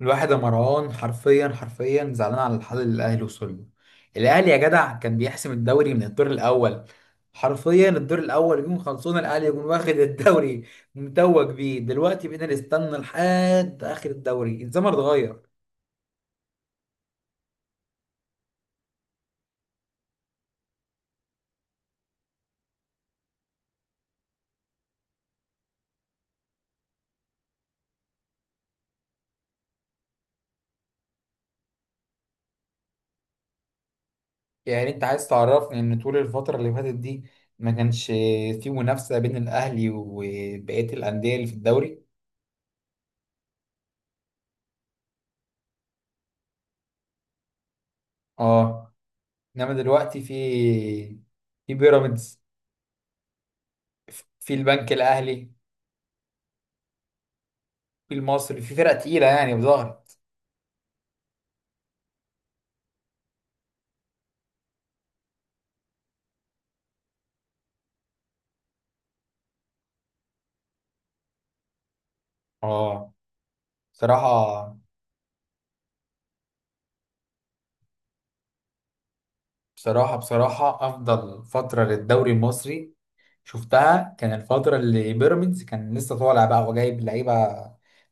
الواحد يا مروان، حرفيا حرفيا زعلان على الحل اللي الاهلي وصل له. الاهلي يا جدع، كان بيحسم الدوري من الدور الاول. حرفيا الدور الاول يكون خلصونا، الاهلي يكون واخد الدوري متوج بيه. دلوقتي بقينا نستنى لحد اخر الدوري. الزمن اتغير. يعني انت عايز تعرفني ان طول الفتره اللي فاتت دي ما كانش في منافسه بين الاهلي وبقيه الانديه اللي في الدوري؟ اه، انما دلوقتي في بيراميدز، في البنك الاهلي المصري، في فرق تقيلة يعني ظهرت. اه، بصراحة بصراحة أفضل فترة للدوري المصري شفتها كان الفترة اللي بيراميدز كان لسه طالع بقى وجايب لعيبة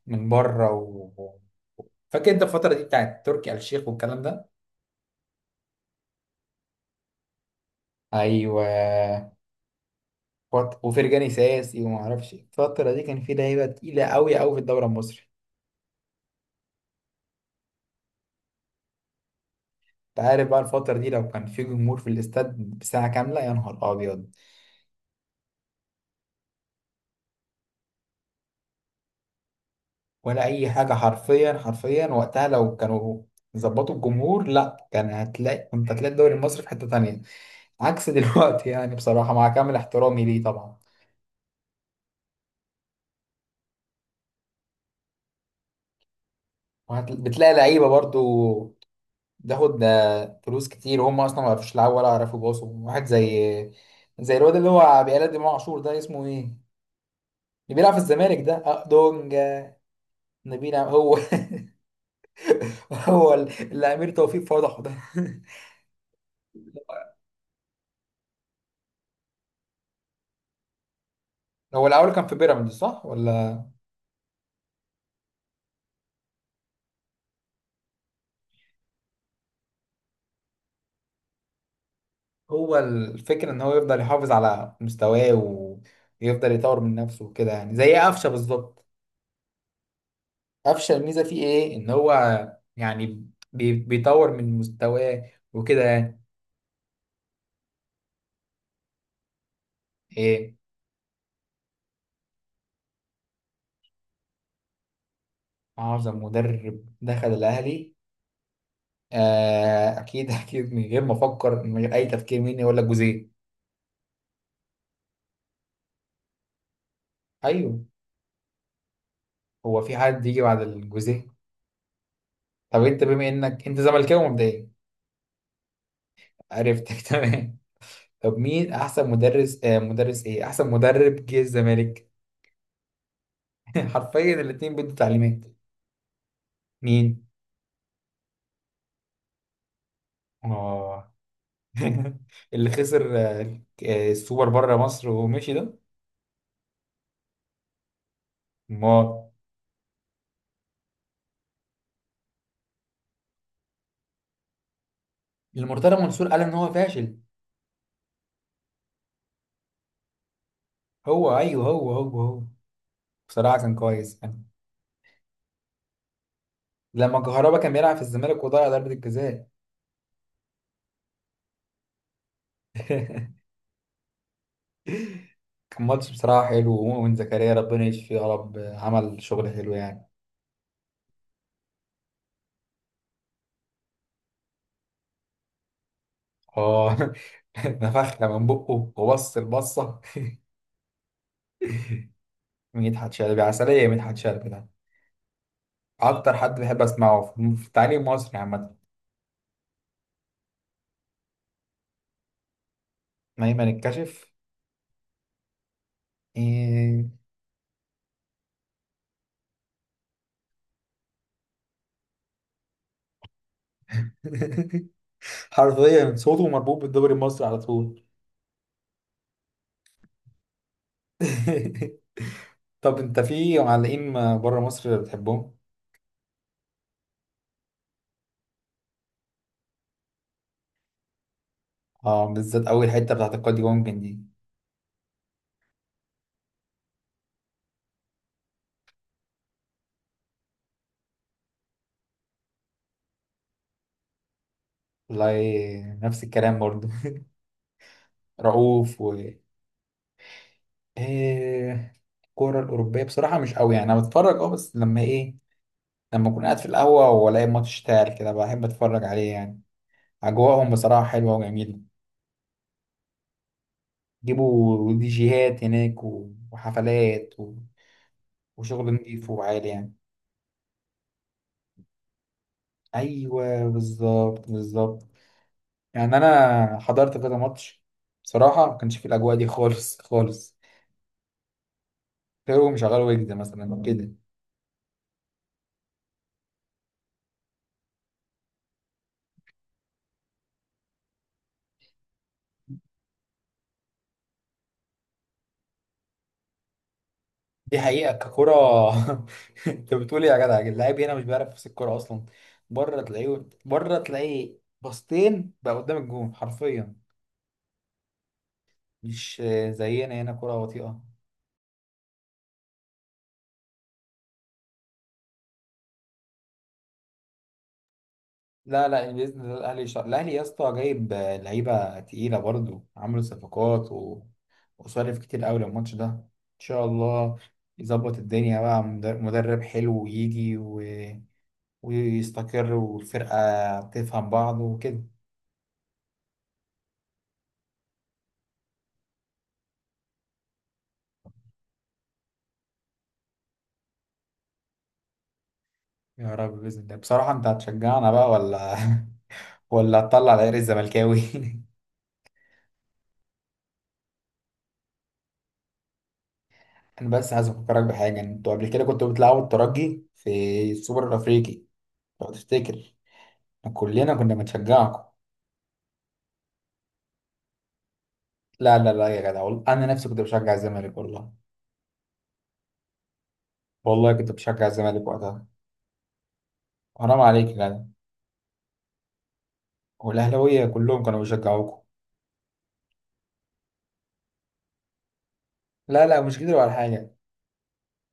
من بره و فاكر انت الفترة دي بتاعت تركي آل الشيخ والكلام ده؟ ايوه، وفرجاني ساسي وما اعرفش إيه. الفترة دي كان في لعيبة تقيلة قوي قوي في الدوري المصري. انت عارف بقى الفترة دي لو كان في جمهور في الاستاد بساعة كاملة، يا نهار ابيض. ولا اي حاجه. حرفيا حرفيا وقتها لو كانوا ظبطوا الجمهور، لا كان هتلاقي كنت هتلاقي الدوري المصري في حته تانية. عكس دلوقتي يعني، بصراحه مع كامل احترامي ليه طبعا. بتلاقي لعيبه برضو بتاخد فلوس كتير وهم اصلا ما يعرفوش يلعبوا ولا يعرفوا يباصوا، واحد زي الواد اللي هو بيقلد امام عاشور ده اسمه ايه؟ اللي بيلعب في الزمالك ده، أه دونجا. هو هو اللي امير توفيق فضحه ده. هو الاول كان في بيراميدز صح ولا؟ هو الفكرة ان هو يفضل يحافظ على مستواه ويفضل يطور من نفسه وكده يعني، زي قفشة بالظبط. قفشة، الميزة فيه ايه؟ ان هو يعني بيطور من مستواه وكده يعني. ايه؟ اعظم مدرب دخل الاهلي؟ آه اكيد اكيد، من غير ما افكر، من غير اي تفكير، مين؟ يقول لك جوزيه. ايوه. هو في حد يجي بعد الجوزيه؟ طب انت بما انك انت زملكاوي مبدئيا. عرفتك تمام. طب مين احسن مدرس، آه مدرس ايه، احسن مدرب جه الزمالك؟ حرفيا الاتنين بيدوا تعليمات. مين؟ اه. اللي خسر السوبر بره مصر ومشي ده. ما المرتضى منصور قال ان هو فاشل. هو ايوه، هو. بصراحه كان كويس يعني. لما كهربا كان بيلعب في الزمالك وضيع ضربه الجزاء. كان ماتش بصراحه حلو، ومؤمن زكريا ربنا يشفيه يا رب، عمل شغل حلو يعني. اه. نفخنا من بقه وبص البصه. مدحت شلبي عسليه. مدحت شلبي ده اكتر حد بحب اسمعه في التعليم المصري عامه. نايما الكشف. إيه. حرفيا صوته مربوط بالدوري المصري على طول. طب انت في معلقين بره مصر بتحبهم؟ اه، بالذات اول حته بتاعت القاضي ممكن دي. والله نفس الكلام برضو رؤوف و إيه. الكوره الاوروبيه بصراحه مش قوي يعني، انا بتفرج بس لما ايه، لما اكون قاعد في القهوه والاقي ماتش اشتغل كده، بحب اتفرج عليه يعني. اجواءهم بصراحه حلوه وجميله، جيبوا ديجيهات هناك وحفلات وشغل نضيف وعالي يعني. ايوه بالظبط بالظبط. يعني انا حضرت كذا ماتش، بصراحه ما كانش فيه الاجواء دي خالص خالص. كانوا مشغلوا ويجز مثلا كده. دي حقيقه ككره. انت بتقول ايه يا جدع؟ اللاعب هنا مش بيعرف يمسك الكوره اصلا. بره تلاقيه باصتين بقى قدام الجون حرفيا. مش زينا هنا، كره بطيئه. لا لا، باذن الله. الاهلي الاهلي يا اسطى جايب لعيبه تقيله برضو، عامل صفقات و وصرف كتير قوي للماتش ده. ان شاء الله يظبط الدنيا بقى. مدرب حلو يجي و ويستقر والفرقه تفهم بعض وكده. يا رب باذن الله. بصراحه انت هتشجعنا بقى ولا ولا هتطلع العير الزملكاوي؟ انا بس عايز افكرك بحاجه، انتوا قبل كده كنتوا بتلعبوا الترجي في السوبر الافريقي، لو تفتكر، كلنا كنا بنشجعكم. لا لا لا يا جدع، والله انا نفسي كنت بشجع الزمالك والله. والله كنت بشجع الزمالك وقتها. حرام عليك يا جدع. والاهلاويه كلهم كانوا بيشجعوكوا. لا لا، مش كده ولا حاجه.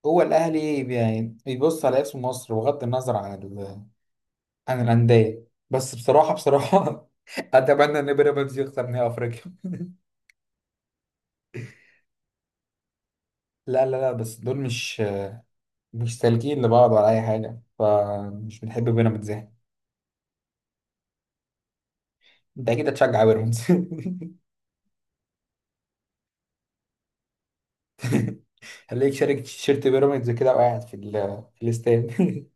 هو الاهلي يعني بيبص على اسم مصر بغض النظر عن عن الانديه. بس بصراحه بصراحه اتمنى ان بيراميدز يخسر نهائي افريقيا لا لا لا، بس دول مش سالكين لبعض ولا اي حاجه، فمش بنحب بيراميدز يعني. انت اكيد هتشجع بيراميدز؟ خليك شارك تيشيرت بيراميدز كده وقاعد في في الاستاد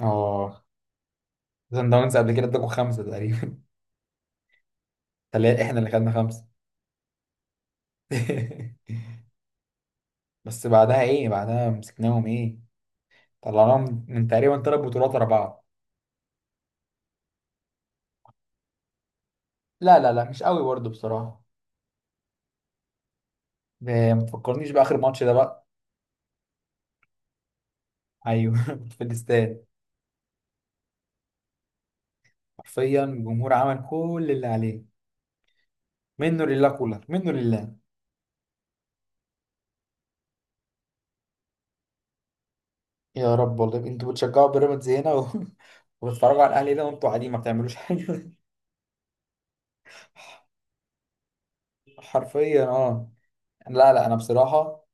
اه. سان داونز قبل كده اداكوا خمسة تقريبا. تلاقي احنا اللي خدنا خمسة. بس بعدها ايه، بعدها مسكناهم ايه، طلعناهم من تقريبا ثلاث بطولات ورا بعض. لا لا لا، مش قوي برضه بصراحة. ما تفكرنيش بآخر ماتش ده بقى. ايوه كنت في الاستاد. حرفيا الجمهور عمل كل اللي عليه. منه لله كولر، منه لله. يا رب والله. انتوا بتشجعوا بيراميدز هنا و وبتتفرجوا على الاهلي ده وانتوا قاعدين ما بتعملوش حاجة. حرفيا اه. لا لا، انا بصراحه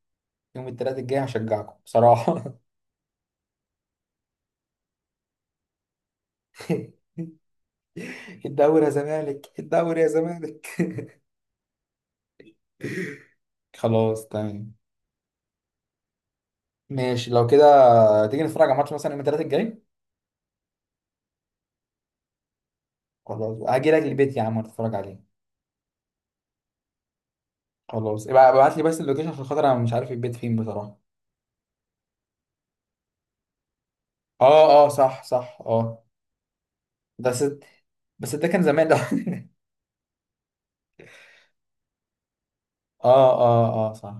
يوم الثلاث الجاي هشجعكم بصراحه. الدوري يا زمالك، الدوري يا زمالك خلاص تمام. ماشي لو كده، تيجي نتفرج على ماتش مثلا يوم الثلاث الجاي؟ خلاص هاجي لك البيت يا عم، نتفرج عليه. خلاص، ابقى ابعت لي بس اللوكيشن عشان خاطر انا مش عارف البيت فين بصراحه. اه اه صح صح اه. ده ست، بس ده كان زمان ده. اه اه اه صح.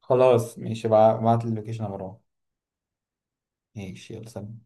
خلاص ماشي، ابعت لي اللوكيشن يا مروان. ماشي يلا سلام.